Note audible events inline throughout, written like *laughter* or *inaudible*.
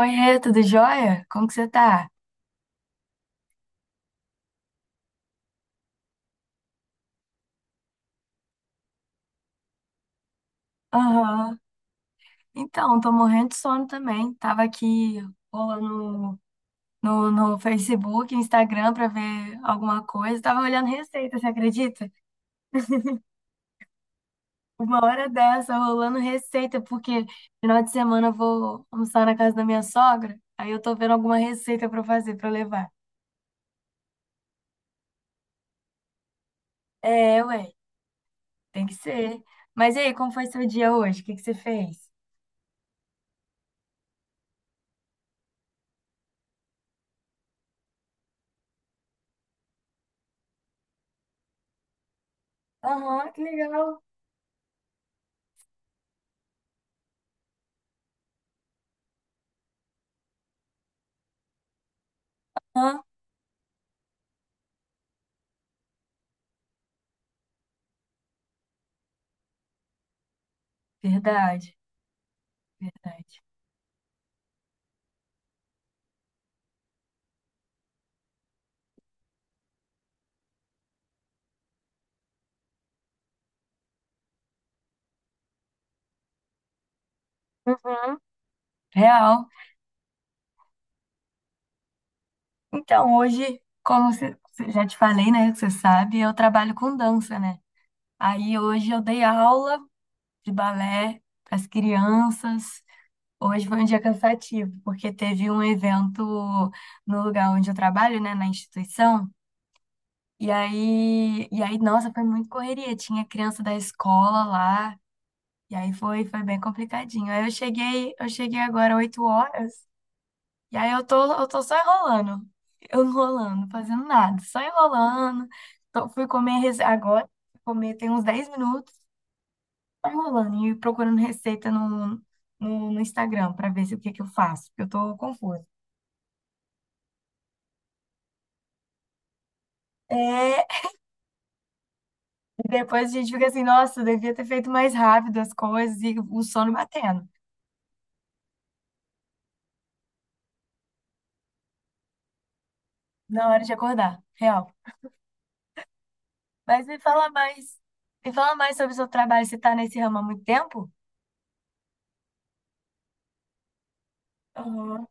Oiê, tudo jóia? Como que você tá? Aham. Então, tô morrendo de sono também. Tava aqui rolando no Facebook, Instagram pra ver alguma coisa. Tava olhando receita, você acredita? Uma hora dessa, rolando receita, porque final de semana eu vou almoçar na casa da minha sogra. Aí eu tô vendo alguma receita pra fazer, pra levar. É, ué, tem que ser. Mas e aí, como foi seu dia hoje? O que que você fez? Aham, que legal. Hã? Verdade, verdade. Uhum. Real. Então, hoje, já te falei, né, que você sabe, eu trabalho com dança, né? Aí hoje eu dei aula de balé para as crianças. Hoje foi um dia cansativo, porque teve um evento no lugar onde eu trabalho, né, na instituição. E aí, nossa, foi muito correria. Tinha criança da escola lá, e aí foi bem complicadinho. Eu cheguei agora 8 horas. E aí eu tô só enrolando, eu enrolando, fazendo nada, só enrolando. Agora, fui comer tem uns 10 minutos, só enrolando e procurando receita no Instagram pra ver se o que que eu faço, porque eu tô confusa. É, e depois a gente fica assim, nossa, eu devia ter feito mais rápido as coisas e o sono batendo na hora de acordar, real. Mas me fala mais, Me fala mais sobre o seu trabalho, você tá nesse ramo há muito tempo? Uhum.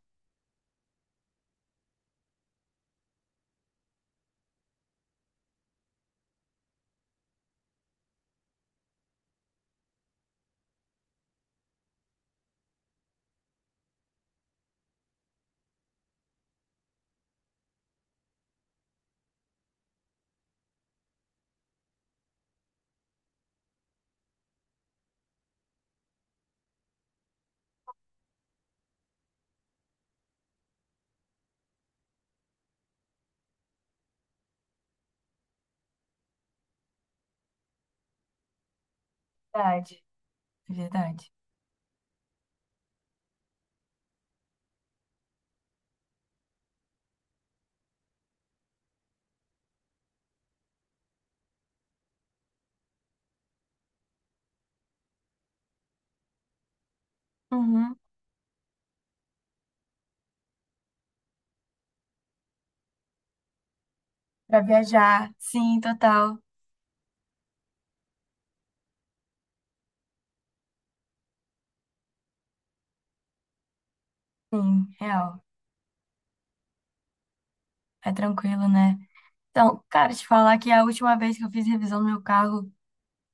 Verdade, verdade. Uhum. Pra viajar. Sim, total. Sim, real. É tranquilo, né? Então, cara, te falar que a última vez que eu fiz revisão no meu carro,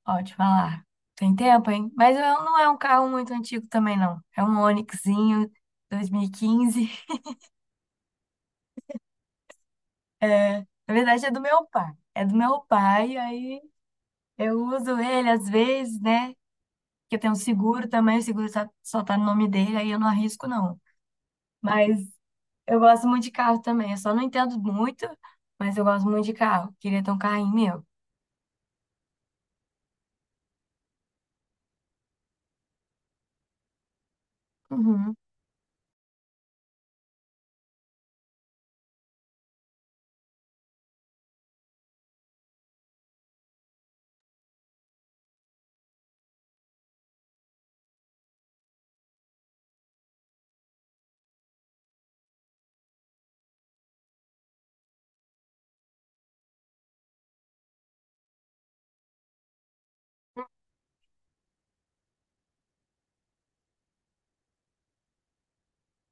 ó, te falar, tem tempo, hein? Não é um carro muito antigo também, não. É um Onixzinho 2015. *laughs* É, na verdade, é do meu pai. É do meu pai, aí eu uso ele às vezes, né? Que eu tenho um seguro também, o seguro só tá no nome dele, aí eu não arrisco, não. Mas. Eu gosto muito de carro também. Eu só não entendo muito, mas eu gosto muito de carro. Queria ter um carrinho meu. Uhum.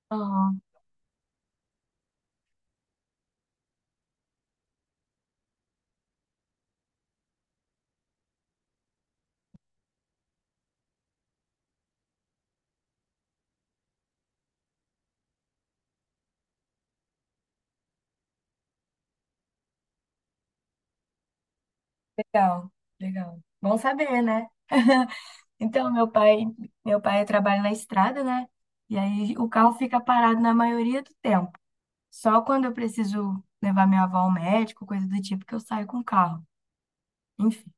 Aham. Legal, legal. Bom saber, né? Então, meu pai trabalha na estrada, né? E aí o carro fica parado na maioria do tempo. Só quando eu preciso levar minha avó ao médico, coisa do tipo, que eu saio com o carro. Enfim,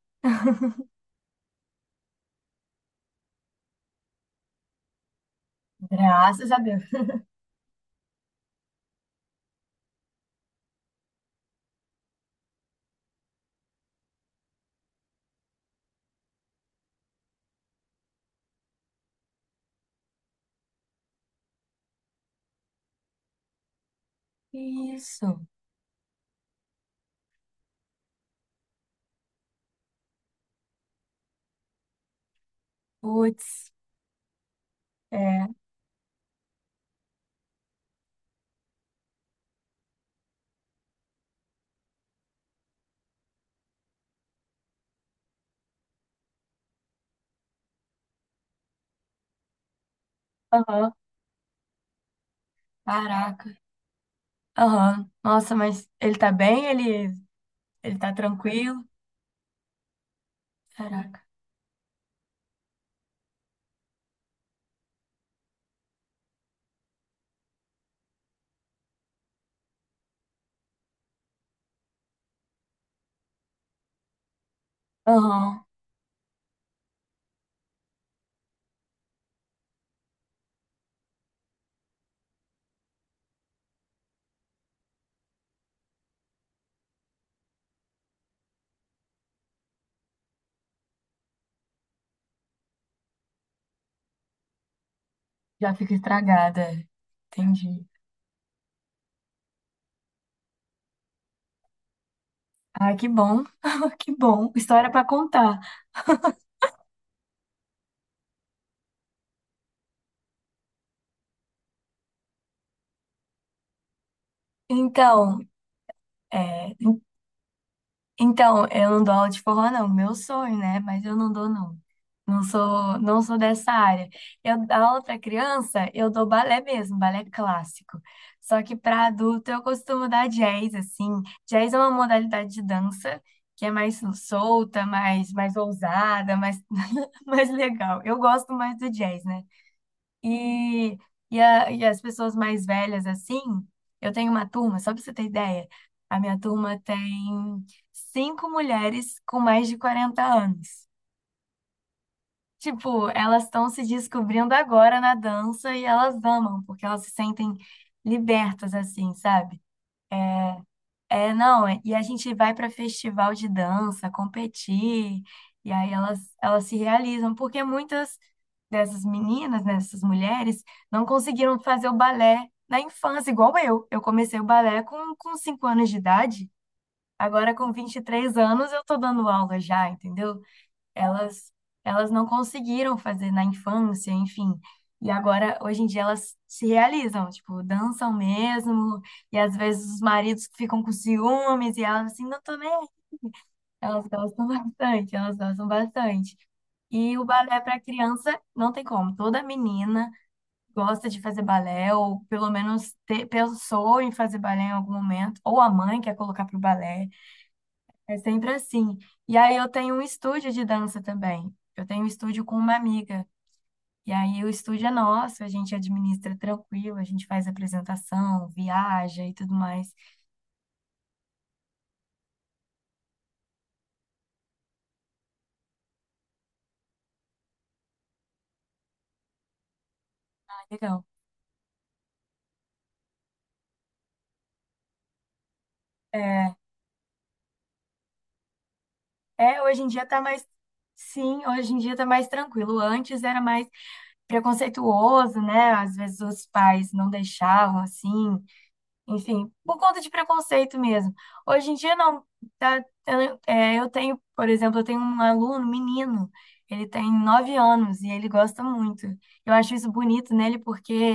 graças a Deus. Isso. Putz. É. Aham. Caraca. Aham. Nossa, mas ele tá bem? Ele tá tranquilo? Caraca. Aham. Já fica estragada. É. Entendi. Ai, que bom. *laughs* Que bom. História pra contar. Então, é, Então, eu não dou aula de forró, não. Meu sonho, né? Mas eu não dou, não. Não sou dessa área. Eu dou aula para criança, eu dou balé mesmo, balé clássico. Só que para adulto eu costumo dar jazz, assim. Jazz é uma modalidade de dança que é mais solta, mais ousada, mais, *laughs* mais legal. Eu gosto mais do jazz, né? E, e as pessoas mais velhas, assim, eu tenho uma turma, só pra você ter ideia, a minha turma tem 5 mulheres com mais de 40 anos. Tipo, elas estão se descobrindo agora na dança e elas amam, porque elas se sentem libertas, assim, sabe? É, não, é, E a gente vai para festival de dança, competir, e aí elas se realizam, porque muitas dessas meninas, né, dessas mulheres, não conseguiram fazer o balé na infância, igual eu. Eu comecei o balé com 5 anos de idade, agora com 23 anos eu tô dando aula já, entendeu? elas Elas não conseguiram fazer na infância, enfim. E agora, hoje em dia, elas se realizam, tipo, dançam mesmo, e às vezes os maridos ficam com ciúmes, e elas assim, "não tô nem aí." Elas gostam *laughs* bastante, elas gostam bastante. E o balé para criança não tem como. Toda menina gosta de fazer balé, ou pelo menos pensou em fazer balé em algum momento, ou a mãe quer colocar para o balé. É sempre assim. E aí eu tenho um estúdio de dança também. Eu tenho um estúdio com uma amiga. E aí o estúdio é nosso, a gente administra tranquilo, a gente faz apresentação, viaja e tudo mais. Ah, legal. É, hoje em dia tá mais. Sim, hoje em dia tá mais tranquilo. Antes era mais preconceituoso, né? Às vezes os pais não deixavam assim. Enfim, por conta de preconceito mesmo. Hoje em dia, não. Eu tenho, por exemplo, eu tenho um aluno, menino, ele tem 9 anos e ele gosta muito. Eu acho isso bonito nele porque,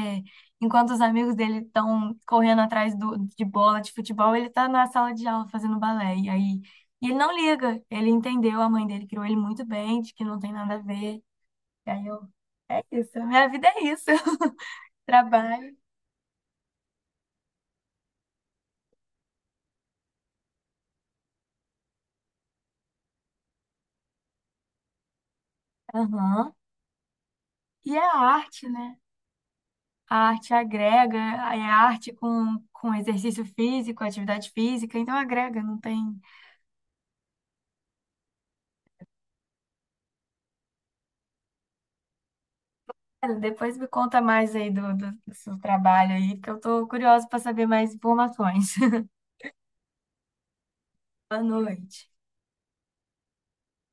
enquanto os amigos dele estão correndo atrás de bola, de futebol, ele tá na sala de aula fazendo balé. E ele não liga, ele entendeu, a mãe dele criou ele muito bem, de que não tem nada a ver. E aí eu, é isso, a minha vida é isso. *laughs* Trabalho. Aham. E a arte, né? A arte agrega, é arte com exercício físico, atividade física, então agrega, não tem. Depois me conta mais aí do seu trabalho aí, porque eu tô curiosa para saber mais informações. *laughs* Boa noite.